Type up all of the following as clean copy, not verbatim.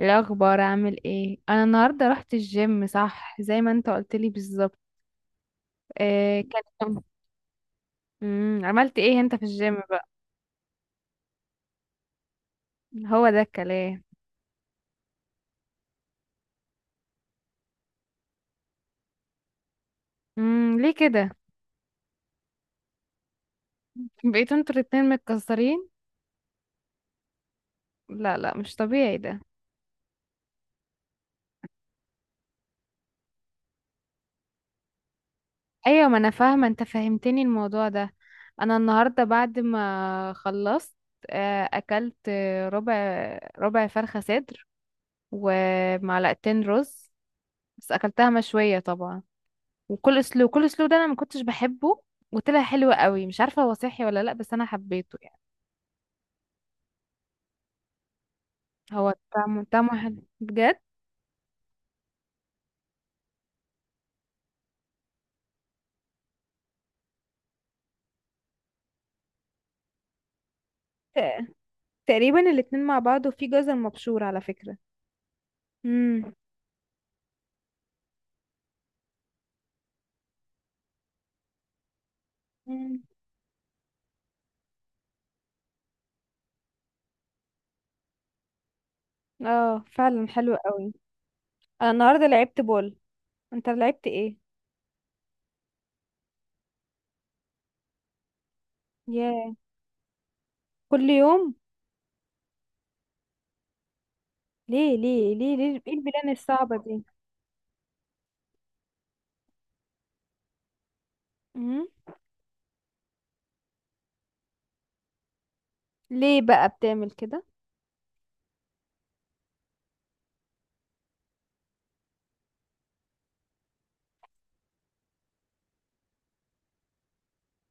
إيه الاخبار؟ عامل ايه؟ انا النهارده رحت الجيم، صح؟ زي ما انت قلت لي بالظبط. آه، كان عملت ايه انت في الجيم بقى؟ هو ده الكلام. ليه كده؟ بقيتوا انتوا الاتنين متكسرين؟ لا، لا، مش طبيعي ده. ايوه، ما انا فاهمه، انت فهمتني الموضوع ده. انا النهارده بعد ما خلصت اكلت، ربع، ربع فرخه صدر، ومعلقتين رز، بس اكلتها مشويه طبعا. وكل اسلوب ده انا ما كنتش بحبه، وطلع حلو قوي. مش عارفه هو صحي ولا لا، بس انا حبيته يعني. هو طعمه حلو بجد. آه، تقريبا الاتنين مع بعض، وفي جزر مبشور على فكره. امم. مم. اه فعلا حلو قوي. انا النهارده لعبت بول، انت لعبت ايه؟ ياه، كل يوم؟ ليه ليه ليه ليه، ايه البلان الصعبه دي؟ امم. ليه بقى بتعمل كده؟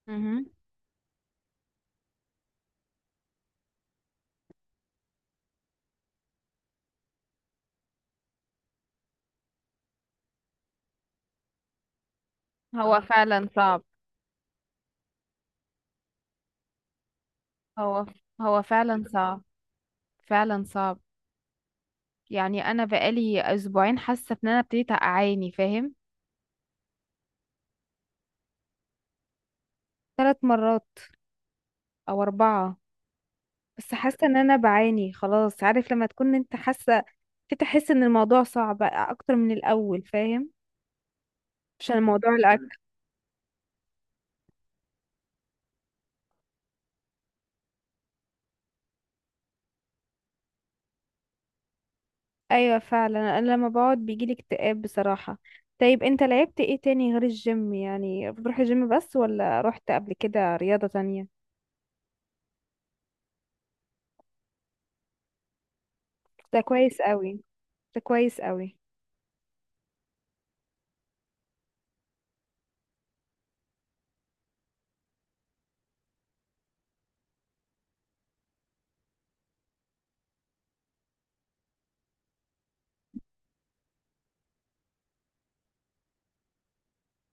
مهم. هو فعلا صعب. هو، هو فعلا صعب، فعلا صعب. يعني انا بقالي اسبوعين حاسه ان انا ابتديت اعاني، فاهم؟ ثلاث مرات او اربعه. بس حاسه ان انا بعاني خلاص. عارف لما تكون انت حاسه، تحس ان الموضوع صعب اكتر من الاول، فاهم؟ عشان موضوع الاكل. ايوه فعلا، انا لما بقعد بيجيلي اكتئاب بصراحه. طيب، انت لعبت ايه تاني غير الجيم؟ يعني بتروح الجيم بس ولا رحت قبل كده رياضه تانية؟ ده كويس قوي. ده كويس قوي.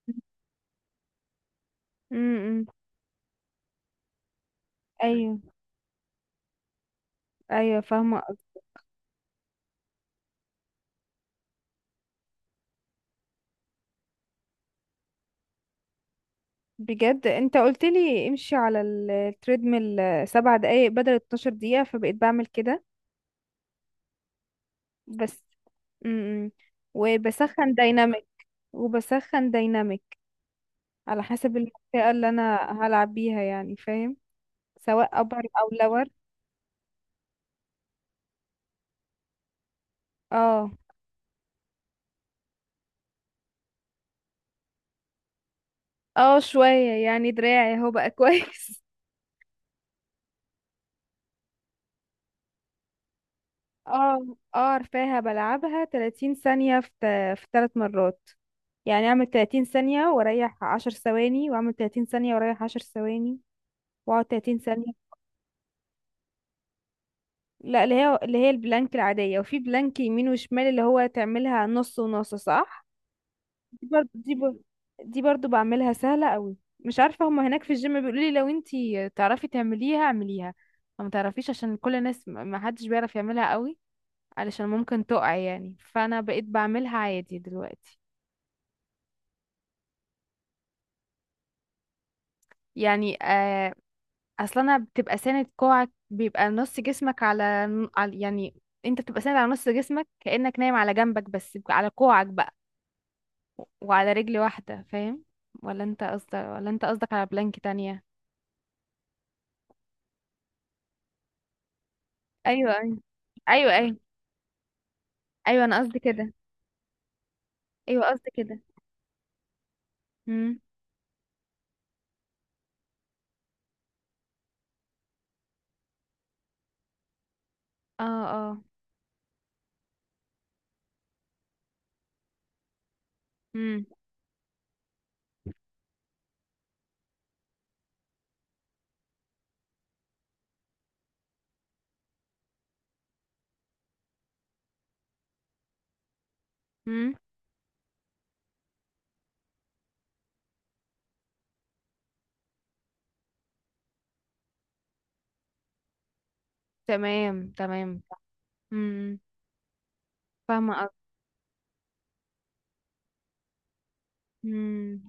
امم امم. ايوه ايوه، فاهمه. بجد، انت قلت لي امشي على التريدميل 7 دقايق بدل 12 دقيقة، فبقيت بعمل كده بس. امم وبسخن دايناميك. وبسخن دايناميك على حسب المنطقة اللي انا هلعب بيها، يعني فاهم؟ سواء ابر او لور. اه. اه شوية، يعني دراعي اهو بقى كويس. اه. اه عارفاها، بلعبها 30 ثانية في في 3 مرات. يعني اعمل 30 ثانية واريح 10 ثواني، واعمل 30 ثانية واريح 10 ثواني، واقعد 30 ثانية. لا، اللي هي البلانك العادية، وفي بلانك يمين وشمال، اللي هو تعملها نص ونص، صح؟ دي برضو دي بر... دي برضو بعملها سهلة قوي. مش عارفة، هما هناك في الجيم بيقولوا لي لو انتي تعرفي تعمليها اعمليها، لو ما تعرفيش، عشان كل الناس ما حدش بيعرف يعملها قوي، علشان ممكن تقع يعني. فانا بقيت بعملها عادي دلوقتي. يعني آه، اصلا انا بتبقى ساند كوعك، بيبقى نص جسمك على، يعني انت بتبقى ساند على نص جسمك كأنك نايم على جنبك، بس على كوعك بقى، وعلى رجل واحدة، فاهم؟ ولا انت قصدك على بلانك تانية؟ ايوه ايوه. ايوه ايوه. ايوه انا قصدي كده. ايوه قصدي كده. امم. اه. اه. امم. امم. تمام تمام. امم. فاهمة قصدك. امم.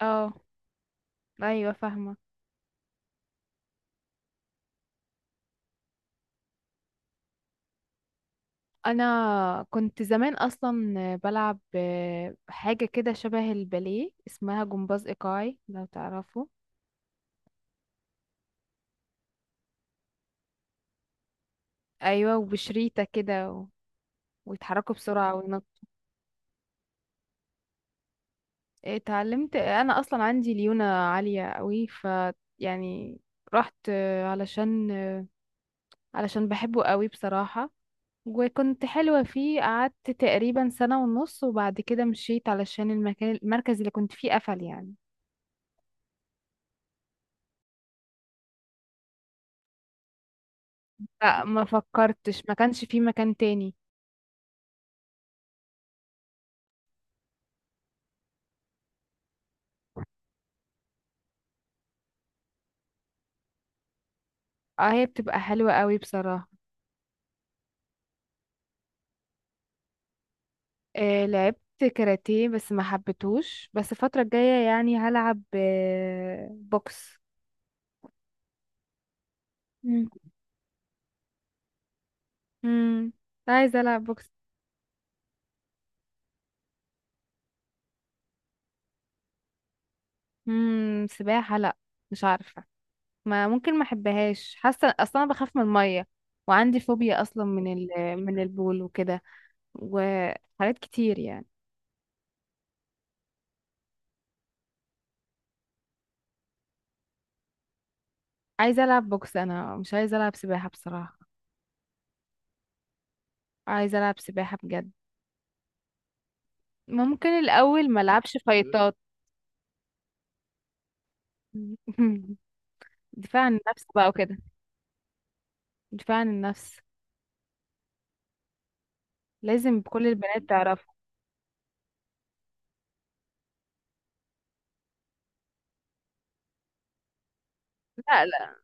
اه. ايوه فاهمة. انا كنت زمان اصلا بلعب، حاجة كده شبه الباليه، اسمها جمباز ايقاعي، لو تعرفه. ايوه، وبشريطة كده ويتحركوا بسرعة. اتعلمت، انا اصلا عندي ليونة عالية قوي، ف يعني، رحت علشان بحبه قوي بصراحة، وكنت حلوة فيه. قعدت تقريبا سنة ونص، وبعد كده مشيت علشان المكان، المركز اللي كنت فيه قفل يعني. لا، ما فكرتش، ما كانش فيه مكان تاني. اه، هي بتبقى حلوة قوي بصراحة. لعبت كاراتيه بس ما حبيتهوش، بس الفترة الجاية يعني هلعب بوكس. مم. امم. عايزة العب بوكس. امم. سباحة لا، مش عارفة. ما ممكن، ما احبهاش، حاسة اصلا انا بخاف من المية، وعندي فوبيا اصلا من ال من البول وكده، وحاجات كتير يعني. عايزة العب بوكس، انا مش عايزة العب سباحة بصراحة. عايزة العب سباحة بجد. ممكن الاول ما العبش فايتات. دفاع عن النفس بقى وكده. دفاع عن النفس لازم كل البنات تعرفه. لا لا.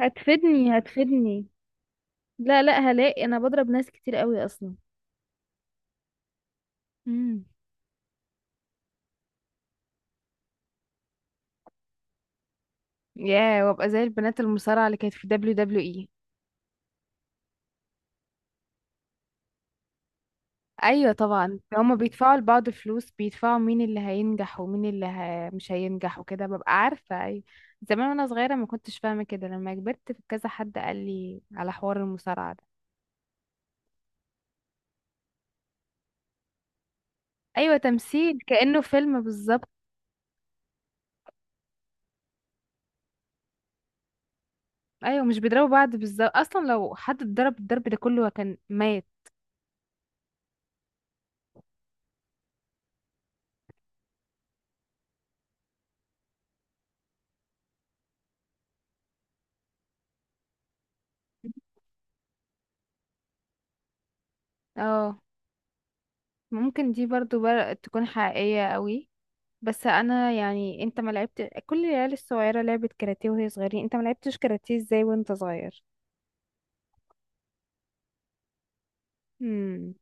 هتفيدني هتفيدني. لا لا هلاقي، انا بضرب ناس كتير قوي اصلا. مم. ياه، وابقى زي البنات المصارعة اللي كانت في دبليو دبليو اي. ايوه طبعا، هما بيدفعوا لبعض فلوس، بيدفعوا مين اللي هينجح ومين اللي مش هينجح وكده، ببقى عارفة اي. زمان وانا صغيرة ما كنتش فاهمة كده، لما كبرت في كذا حد قال لي على حوار المصارعة ده. ايوه تمثيل، كأنه فيلم بالظبط. ايوه، مش بيضربوا بعض بالظبط، اصلا لو حد اتضرب الضرب ده كله كان مات. اه. ممكن تكون حقيقية قوي. بس انا يعني، انت ما لعبت، كل العيال الصغيره لعبت كاراتيه وهي صغيرين، انت ما لعبتش كاراتيه ازاي وانت صغير؟ امم.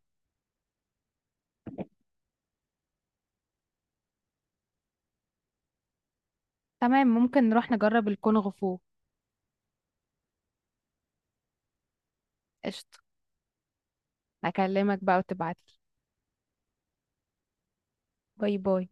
تمام، ممكن نروح نجرب الكونغ فو. قشطه. هكلمك بقى وتبعتلي. باي باي.